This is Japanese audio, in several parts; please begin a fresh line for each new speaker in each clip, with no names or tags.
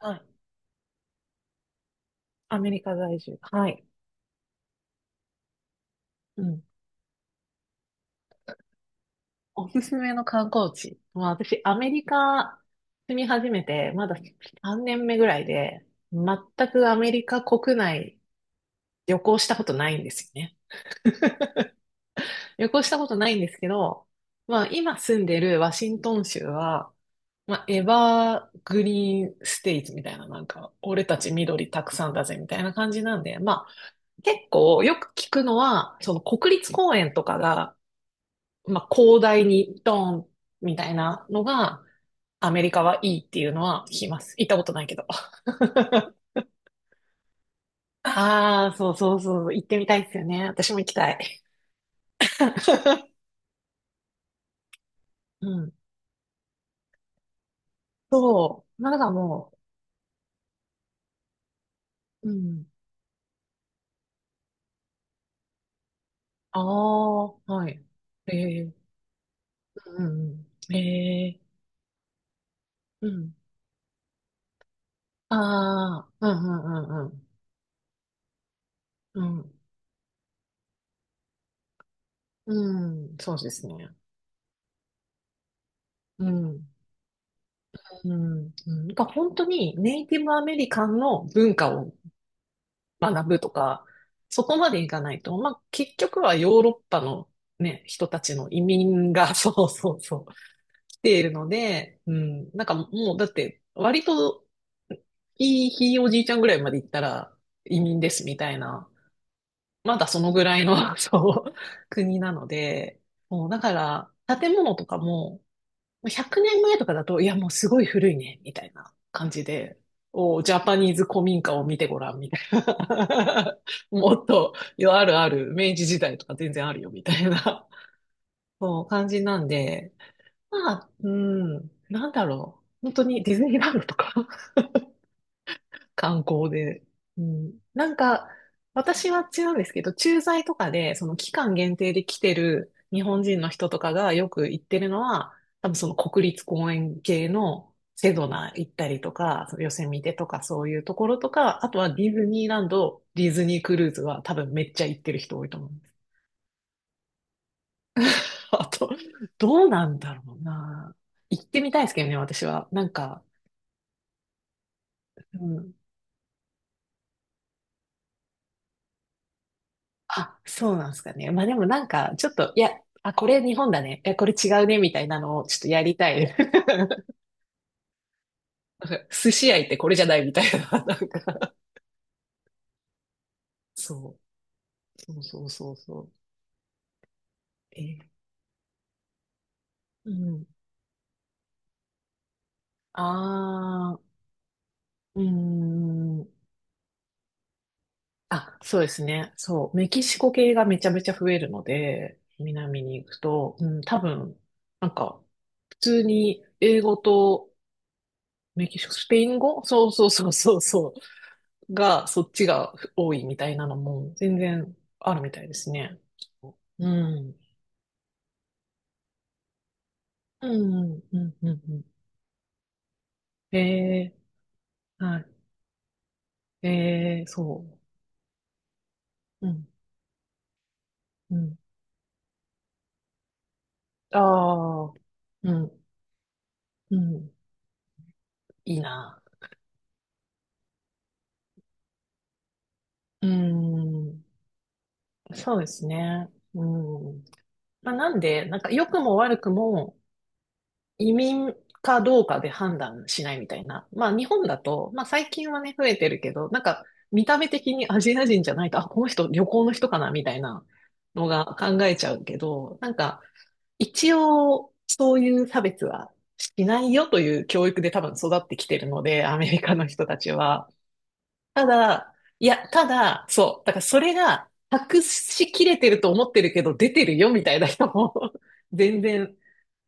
はい。アメリカ在住。はい。うん。おすすめの観光地。まあ、私、アメリカ住み始めて、まだ3年目ぐらいで、全くアメリカ国内旅行したことないんですよね。旅行したことないんですけど、まあ、今住んでるワシントン州は、まあ、エバーグリーンステイツみたいな、なんか、俺たち緑たくさんだぜみたいな感じなんで、まあ、結構よく聞くのは、その国立公園とかがまあ、広大にドーンみたいなのが、アメリカはいいっていうのは聞きます。行ったことないけど。ああ、そうそうそう、行ってみたいですよね。私も行きたい。うん。そう。なんかもう、うん。ああ、はい。ええ、うん、うん。ええ、うん。ああ、うん、うん、うん、うん。うん、うんそうですね。うん、うん、うん。なんか本当にネイティブアメリカンの文化を学ぶとか、そこまでいかないと、まあ、結局はヨーロッパのね、人たちの移民が、そうそうそう、来ているので、うん、なんかもう、だって、割と、いいひいおじいちゃんぐらいまで行ったら移民ですみたいな、まだそのぐらいの、そう、国なので、もうだから、建物とかも、100年前とかだと、いや、もうすごい古いね、みたいな感じで、お、ジャパニーズ古民家を見てごらん、みたいな。もっと、いやあるある、明治時代とか全然あるよ、みたいな、そう、感じなんで、まあ、うん、なんだろう。本当にディズニーランドとか観光で。うん、なんか、私は違うんですけど、駐在とかで、その期間限定で来てる日本人の人とかがよく行ってるのは、多分その国立公園系のセドナ行ったりとか、そのヨセミテとかそういうところとか、あとはディズニーランド、ディズニークルーズは多分めっちゃ行ってる人多いと思うんです。あと、どうなんだろうな。行ってみたいですけどね、私は。なんか、うんあ、そうなんですかね。まあでもなんか、ちょっと、いや、あ、これ日本だね。え、これ違うね、みたいなのをちょっとやりたい。寿司屋行ってこれじゃないみたいな。なんか、そう。そうそうそうそう。え、うん。ああ、うーん。あ、そうですね。そう。メキシコ系がめちゃめちゃ増えるので、南に行くと、うん、多分、なんか、普通に英語とメキシコ、スペイン語そうそうそうそうそう。が、そっちが多いみたいなのも全然あるみたいですね。うん。うん、うん、うん、うん。うんえー、はい。えー、そう。うん、うん。ああ、うん、うん。いいな。うん。そうですね。うん。まあ、なんで、なんか良くも悪くも、移民かどうかで判断しないみたいな。まあ日本だと、まあ最近はね、増えてるけど、なんか見た目的にアジア人じゃないと、あ、この人旅行の人かなみたいなのが考えちゃうけど、なんか一応そういう差別はしないよという教育で多分育ってきてるので、アメリカの人たちは。ただ、いや、ただ、そう、だからそれが隠しきれてると思ってるけど出てるよみたいな人も 全然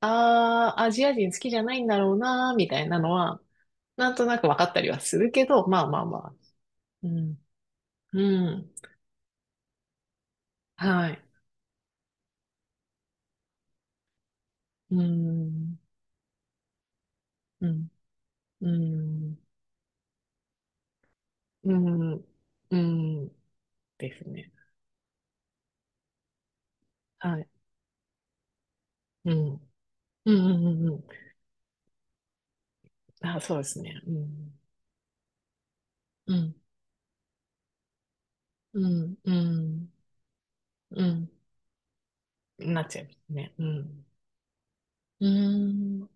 ああ、アジア人好きじゃないんだろうな、みたいなのは、なんとなく分かったりはするけど、まあまあまあ。うん。うん。はい。うん。うん。うん。うん。うんですね。はい。うん。うん。うん。うん。あ、そうですね。うん。うん。うん。うん。うん。なっちゃいますね。うん。うん。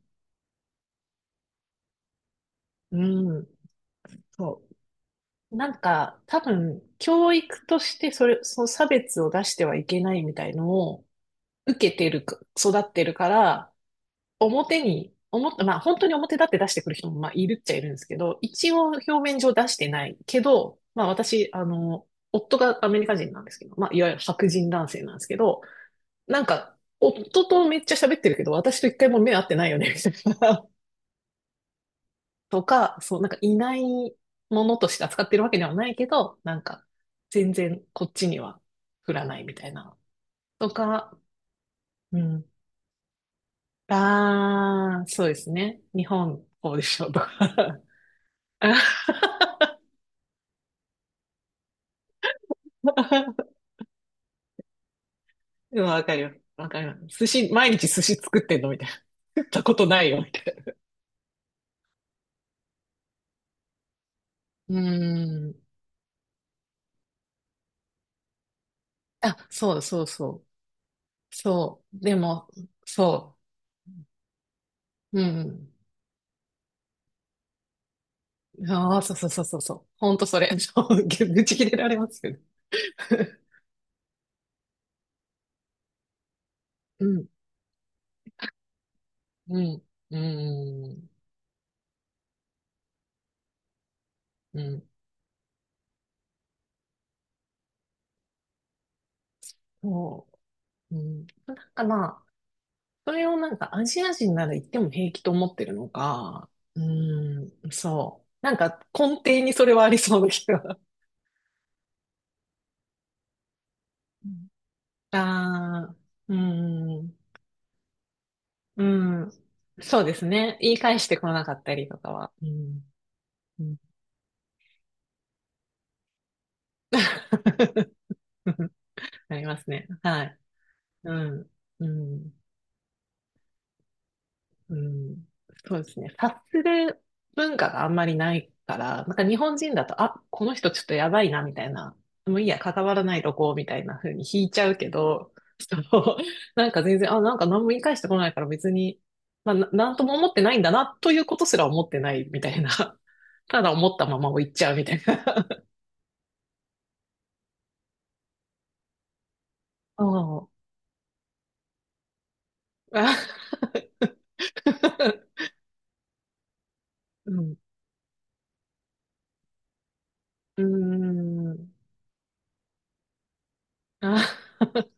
うん。そう。なんか、多分、教育としてそれ、その差別を出してはいけないみたいのを受けてるか、育ってるから、表に、表、まあ本当に表立って出してくる人もまあいるっちゃいるんですけど、一応表面上出してないけど、まあ私、夫がアメリカ人なんですけど、まあいわゆる白人男性なんですけど、なんか、夫とめっちゃ喋ってるけど、私と一回も目合ってないよね、みたいなとか、そう、なんかいないものとして扱ってるわけではないけど、なんか全然こっちには降らないみたいな。とか、うん。ああ、そうですね。日本、こうでしょうとか。でもわかるよ。わかるよ。寿司、毎日寿司作ってんのみたいな。食ったことないよ、みたいな。うん。あ、そうそうそう。そう。でも、そう。うん。ああ、そうそうそうそうそう。ほんとそれ。ち愚痴切れられますよね。うん、うん、うん、うん、そう、うん。なんかまあ、それをなんかアジア人なら言っても平気と思ってるのか、うん、そう。なんか根底にそれはありそうな気が。ああー、うん、うん。そうですね。言い返してこなかったりとかは。うん、うん ありますね。はい。うん、うん。うん、そうですね。察する文化があんまりないから、なんか日本人だと、あ、この人ちょっとやばいな、みたいな。もういいや、関わらないとこう、みたいな風に引いちゃうけど、そうなんか全然、あ、なんか何も言い返してこないから別に、まあ、ななんとも思ってないんだな、ということすら思ってないみたいな。ただ思ったままを言っちゃうみたいな。そう。あ うん。うーん。あ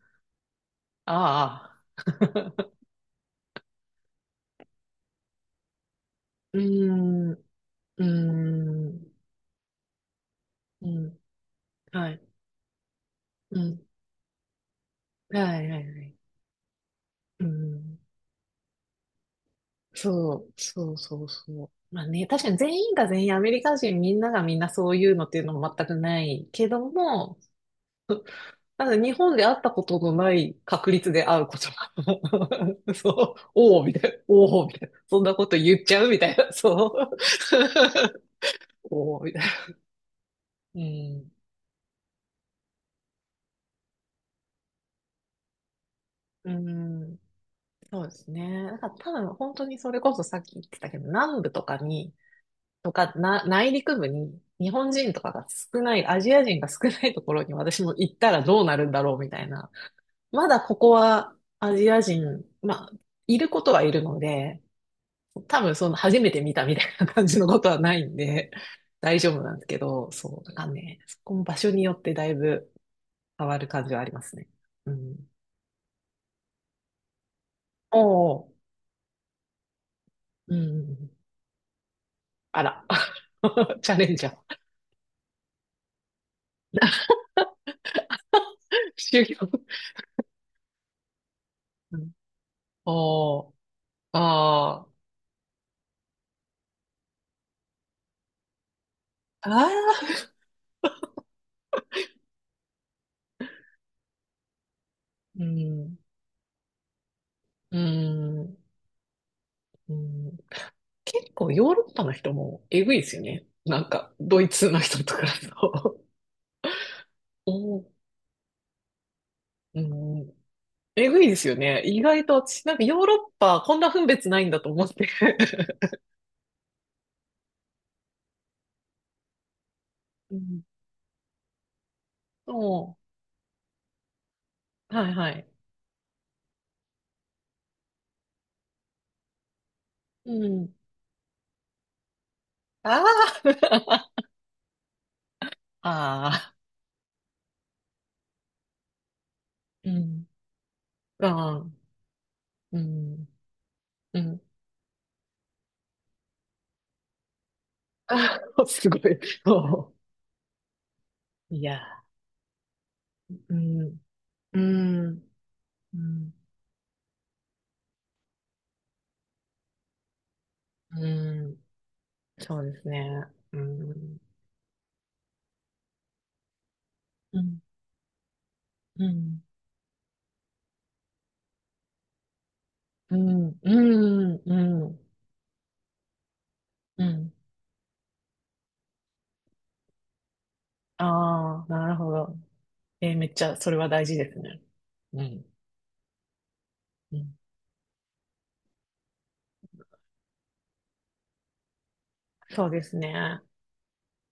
ああ。うーん。うーん。うん。はい。うん。はいはいはい。うん。そう、そうそうそう。まあね、確かに全員が全員アメリカ人みんながみんなそういうのっていうのも全くないけども、ただ日本で会ったことのない確率で会うことが そう、おお、みたいな、おお、みたいな、そんなこと言っちゃうみたいな、そう。おお、みたいな。うん。うん。そうですね。だから多分本当にそれこそさっき言ってたけど、南部とかに、とか、な、内陸部に日本人とかが少ない、アジア人が少ないところに私も行ったらどうなるんだろうみたいな。まだここはアジア人、まあ、いることはいるので、多分その初めて見たみたいな感じのことはないんで、大丈夫なんですけど、そう、なんかね、そこも場所によってだいぶ変わる感じはありますね。うん。おお、うん。あら。チャレンジャー。修行。うんおー。あー。あー。うん、うん、うん。結構ヨーロッパの人もえぐいですよね。なんか、ドイツの人とかと。おーうん、えぐいですよね。意外と私、なんかヨーロッパこんな分別ないんだと思って。うん。そう。はいはい。うん。ああ。ああ。うん。ああ。うん。うん。ああ、すごい。そう。いや。うん。うん。うん。うん。そうですね。うん。うん、うん、うん、うん、うん、うん。ああー、なるほど。えーめっちゃ、それは大事ですね。うん、うん。そうですね。